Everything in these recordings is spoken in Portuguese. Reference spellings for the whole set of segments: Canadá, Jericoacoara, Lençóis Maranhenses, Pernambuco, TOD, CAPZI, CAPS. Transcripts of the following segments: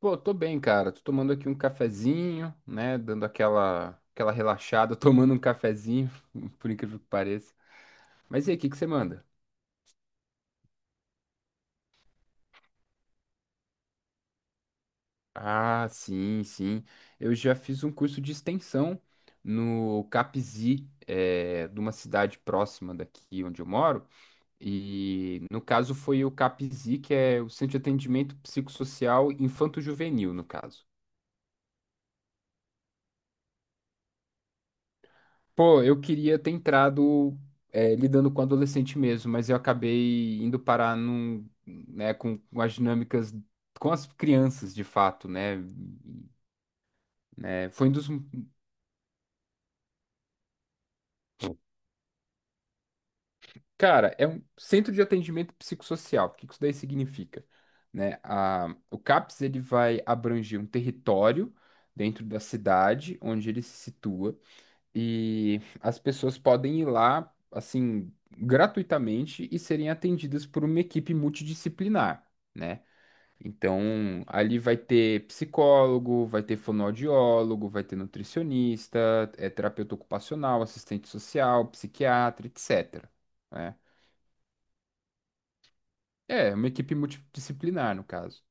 Pô, tô bem, cara. Tô tomando aqui um cafezinho, né? Dando aquela relaxada, tomando um cafezinho, por incrível que pareça. Mas e aí, o que que você manda? Ah, sim, sim. Eu já fiz um curso de extensão no CAPZI, de uma cidade próxima daqui onde eu moro. E no caso foi o CAPZI, que é o Centro de Atendimento Psicossocial Infanto-Juvenil, no caso. Pô, eu queria ter entrado lidando com adolescente mesmo, mas eu acabei indo parar num, né, com as dinâmicas, com as crianças de fato, né? Né, foi um dos. Cara, é um centro de atendimento psicossocial. O que que isso daí significa? Né? A, o CAPS ele vai abranger um território dentro da cidade onde ele se situa. E as pessoas podem ir lá, assim, gratuitamente e serem atendidas por uma equipe multidisciplinar, né? Então, ali vai ter psicólogo, vai ter fonoaudiólogo, vai ter nutricionista, terapeuta ocupacional, assistente social, psiquiatra, etc., né? É, uma equipe multidisciplinar, no caso.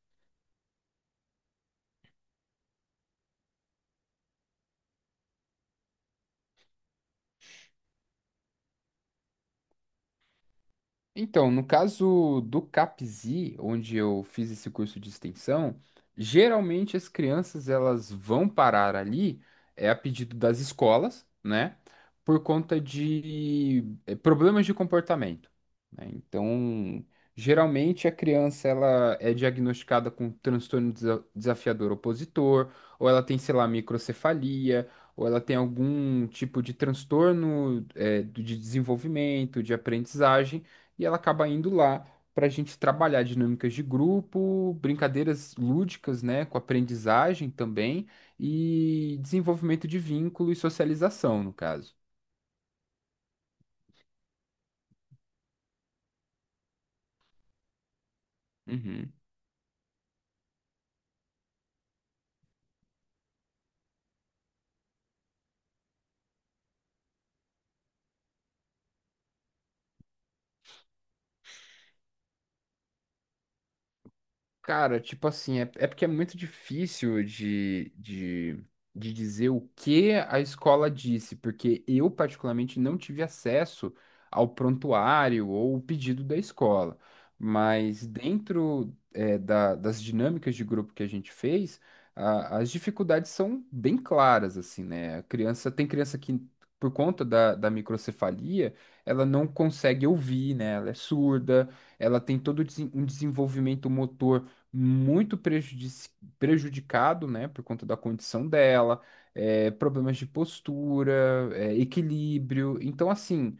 Então, no caso do CAPSI, onde eu fiz esse curso de extensão, geralmente as crianças elas vão parar ali, é a pedido das escolas, né? Por conta de problemas de comportamento, né? Então, geralmente a criança ela é diagnosticada com transtorno desafiador opositor, ou ela tem, sei lá, microcefalia, ou ela tem algum tipo de transtorno, de desenvolvimento, de aprendizagem, e ela acaba indo lá para a gente trabalhar dinâmicas de grupo, brincadeiras lúdicas, né, com aprendizagem também e desenvolvimento de vínculo e socialização, no caso. Uhum. Cara, tipo assim, é porque é muito difícil de dizer o que a escola disse, porque eu, particularmente, não tive acesso ao prontuário ou o pedido da escola. Mas dentro, é, das dinâmicas de grupo que a gente fez, as dificuldades são bem claras, assim, né? A criança, tem criança que, por conta da microcefalia, ela não consegue ouvir, né? Ela é surda, ela tem todo um desenvolvimento motor muito prejudicado, né, por conta da condição dela, é, problemas de postura, é, equilíbrio. Então, assim,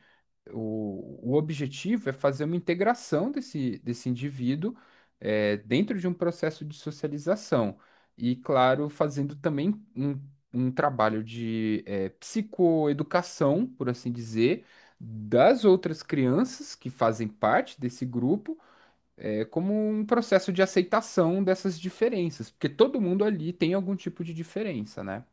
o objetivo é fazer uma integração desse indivíduo, é, dentro de um processo de socialização. E, claro, fazendo também um trabalho de, é, psicoeducação, por assim dizer, das outras crianças que fazem parte desse grupo, é, como um processo de aceitação dessas diferenças, porque todo mundo ali tem algum tipo de diferença, né?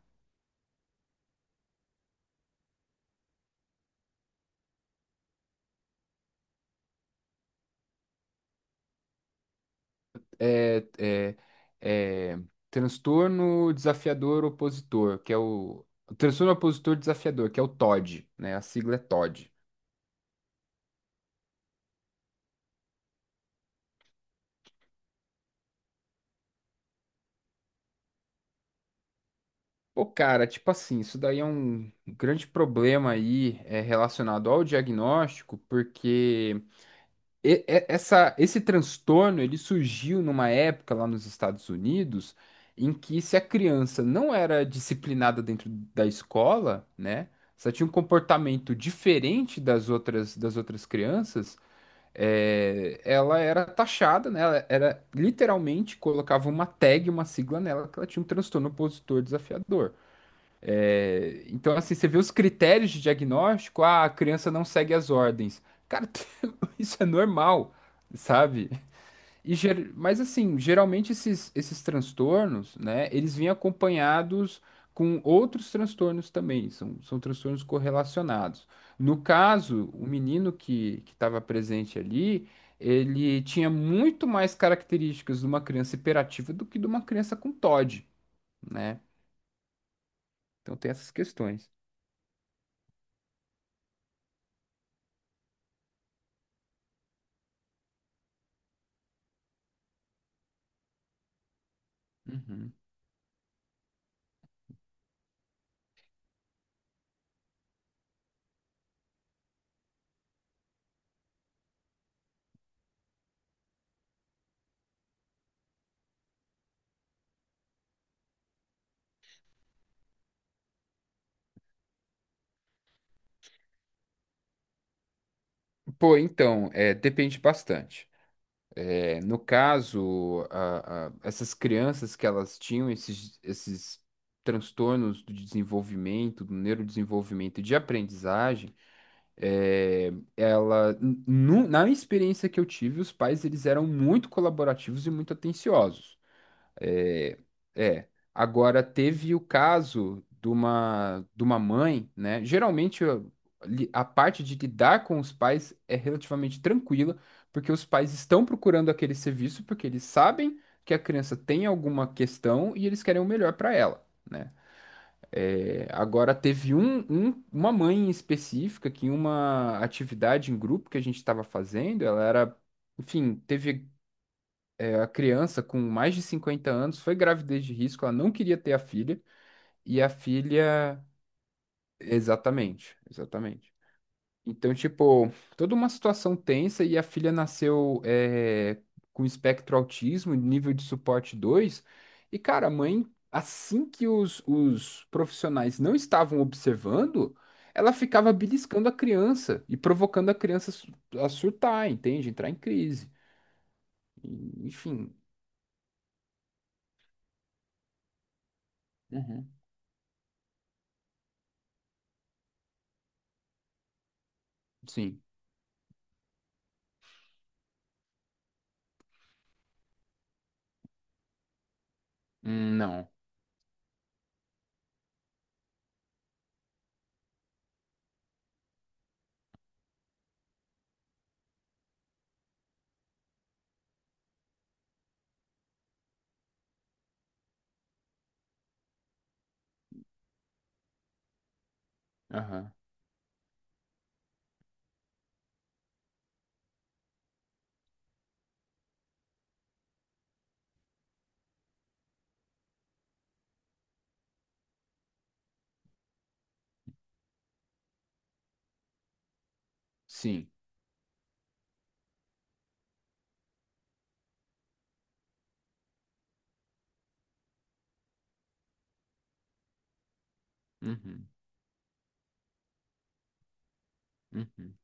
É, é, é, transtorno desafiador opositor, que é o transtorno opositor desafiador, que é o TOD, né? A sigla é TOD. Pô, cara, tipo assim, isso daí é um grande problema aí é, relacionado ao diagnóstico, porque essa, esse transtorno ele surgiu numa época lá nos Estados Unidos em que se a criança não era disciplinada dentro da escola, né? Se ela tinha um comportamento diferente das outras crianças, é, ela era taxada, né? Ela era literalmente, colocava uma tag, uma sigla nela, que ela tinha um transtorno opositor desafiador. É, então, assim, você vê os critérios de diagnóstico, ah, a criança não segue as ordens. Cara, isso é normal, sabe? E, mas, assim, geralmente esses transtornos, né, eles vêm acompanhados com outros transtornos também, são transtornos correlacionados. No caso, o menino que estava presente ali, ele tinha muito mais características de uma criança hiperativa do que de uma criança com TOD, né? Então, tem essas questões. Uhum. Pô, então, é, depende bastante. É, no caso, essas crianças que elas tinham esses, esses transtornos do desenvolvimento, do neurodesenvolvimento e de aprendizagem, é, ela, na experiência que eu tive, os pais eles eram muito colaborativos e muito atenciosos. É, é. Agora teve o caso de uma mãe, né? Geralmente a, a parte de lidar com os pais é relativamente tranquila, porque os pais estão procurando aquele serviço porque eles sabem que a criança tem alguma questão e eles querem o melhor para ela, né? É, agora teve um, uma mãe em específica que, em uma atividade em grupo que a gente estava fazendo, ela era, enfim, teve é, a criança com mais de 50 anos, foi gravidez de risco, ela não queria ter a filha, e a filha. Exatamente, exatamente. Então, tipo, toda uma situação tensa e a filha nasceu é, com espectro autismo, nível de suporte 2. E, cara, a mãe, assim que os profissionais não estavam observando, ela ficava beliscando a criança e provocando a criança a a surtar, entende? Entrar em crise. Enfim. Uhum. Sim. Hum. Não. Aham. Sim. Uhum. Uhum.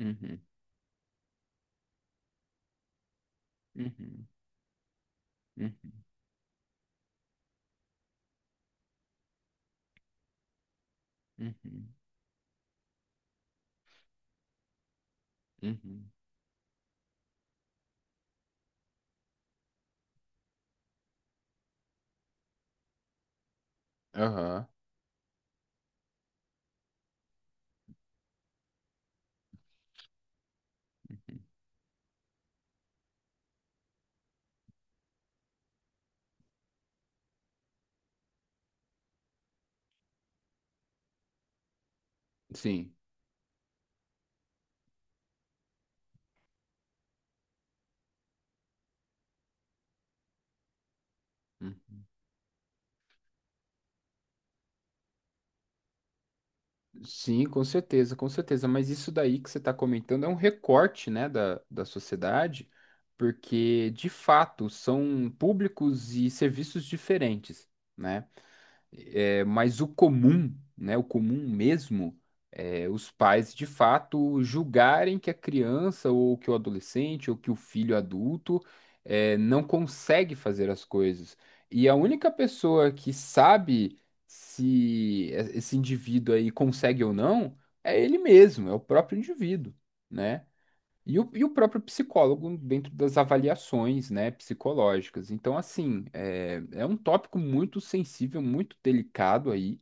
Uhum. Uhum. Uhum. Uhum. Uhum. Aham. Sim. Hum. Sim, com certeza, com certeza. Mas isso daí que você está comentando é um recorte, né, da sociedade, porque de fato são públicos e serviços diferentes, né? É, mas o comum, né, o comum mesmo, é os pais de fato julgarem que a criança ou que o adolescente ou que o filho adulto é, não consegue fazer as coisas. E a única pessoa que sabe se esse indivíduo aí consegue ou não é ele mesmo, é o próprio indivíduo, né? E o próprio psicólogo dentro das avaliações, né, psicológicas. Então, assim, é, é um tópico muito sensível, muito delicado aí,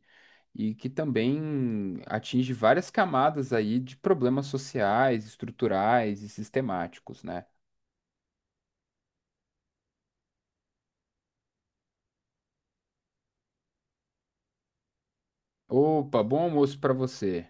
e que também atinge várias camadas aí de problemas sociais, estruturais e sistemáticos, né? Opa, bom almoço para você.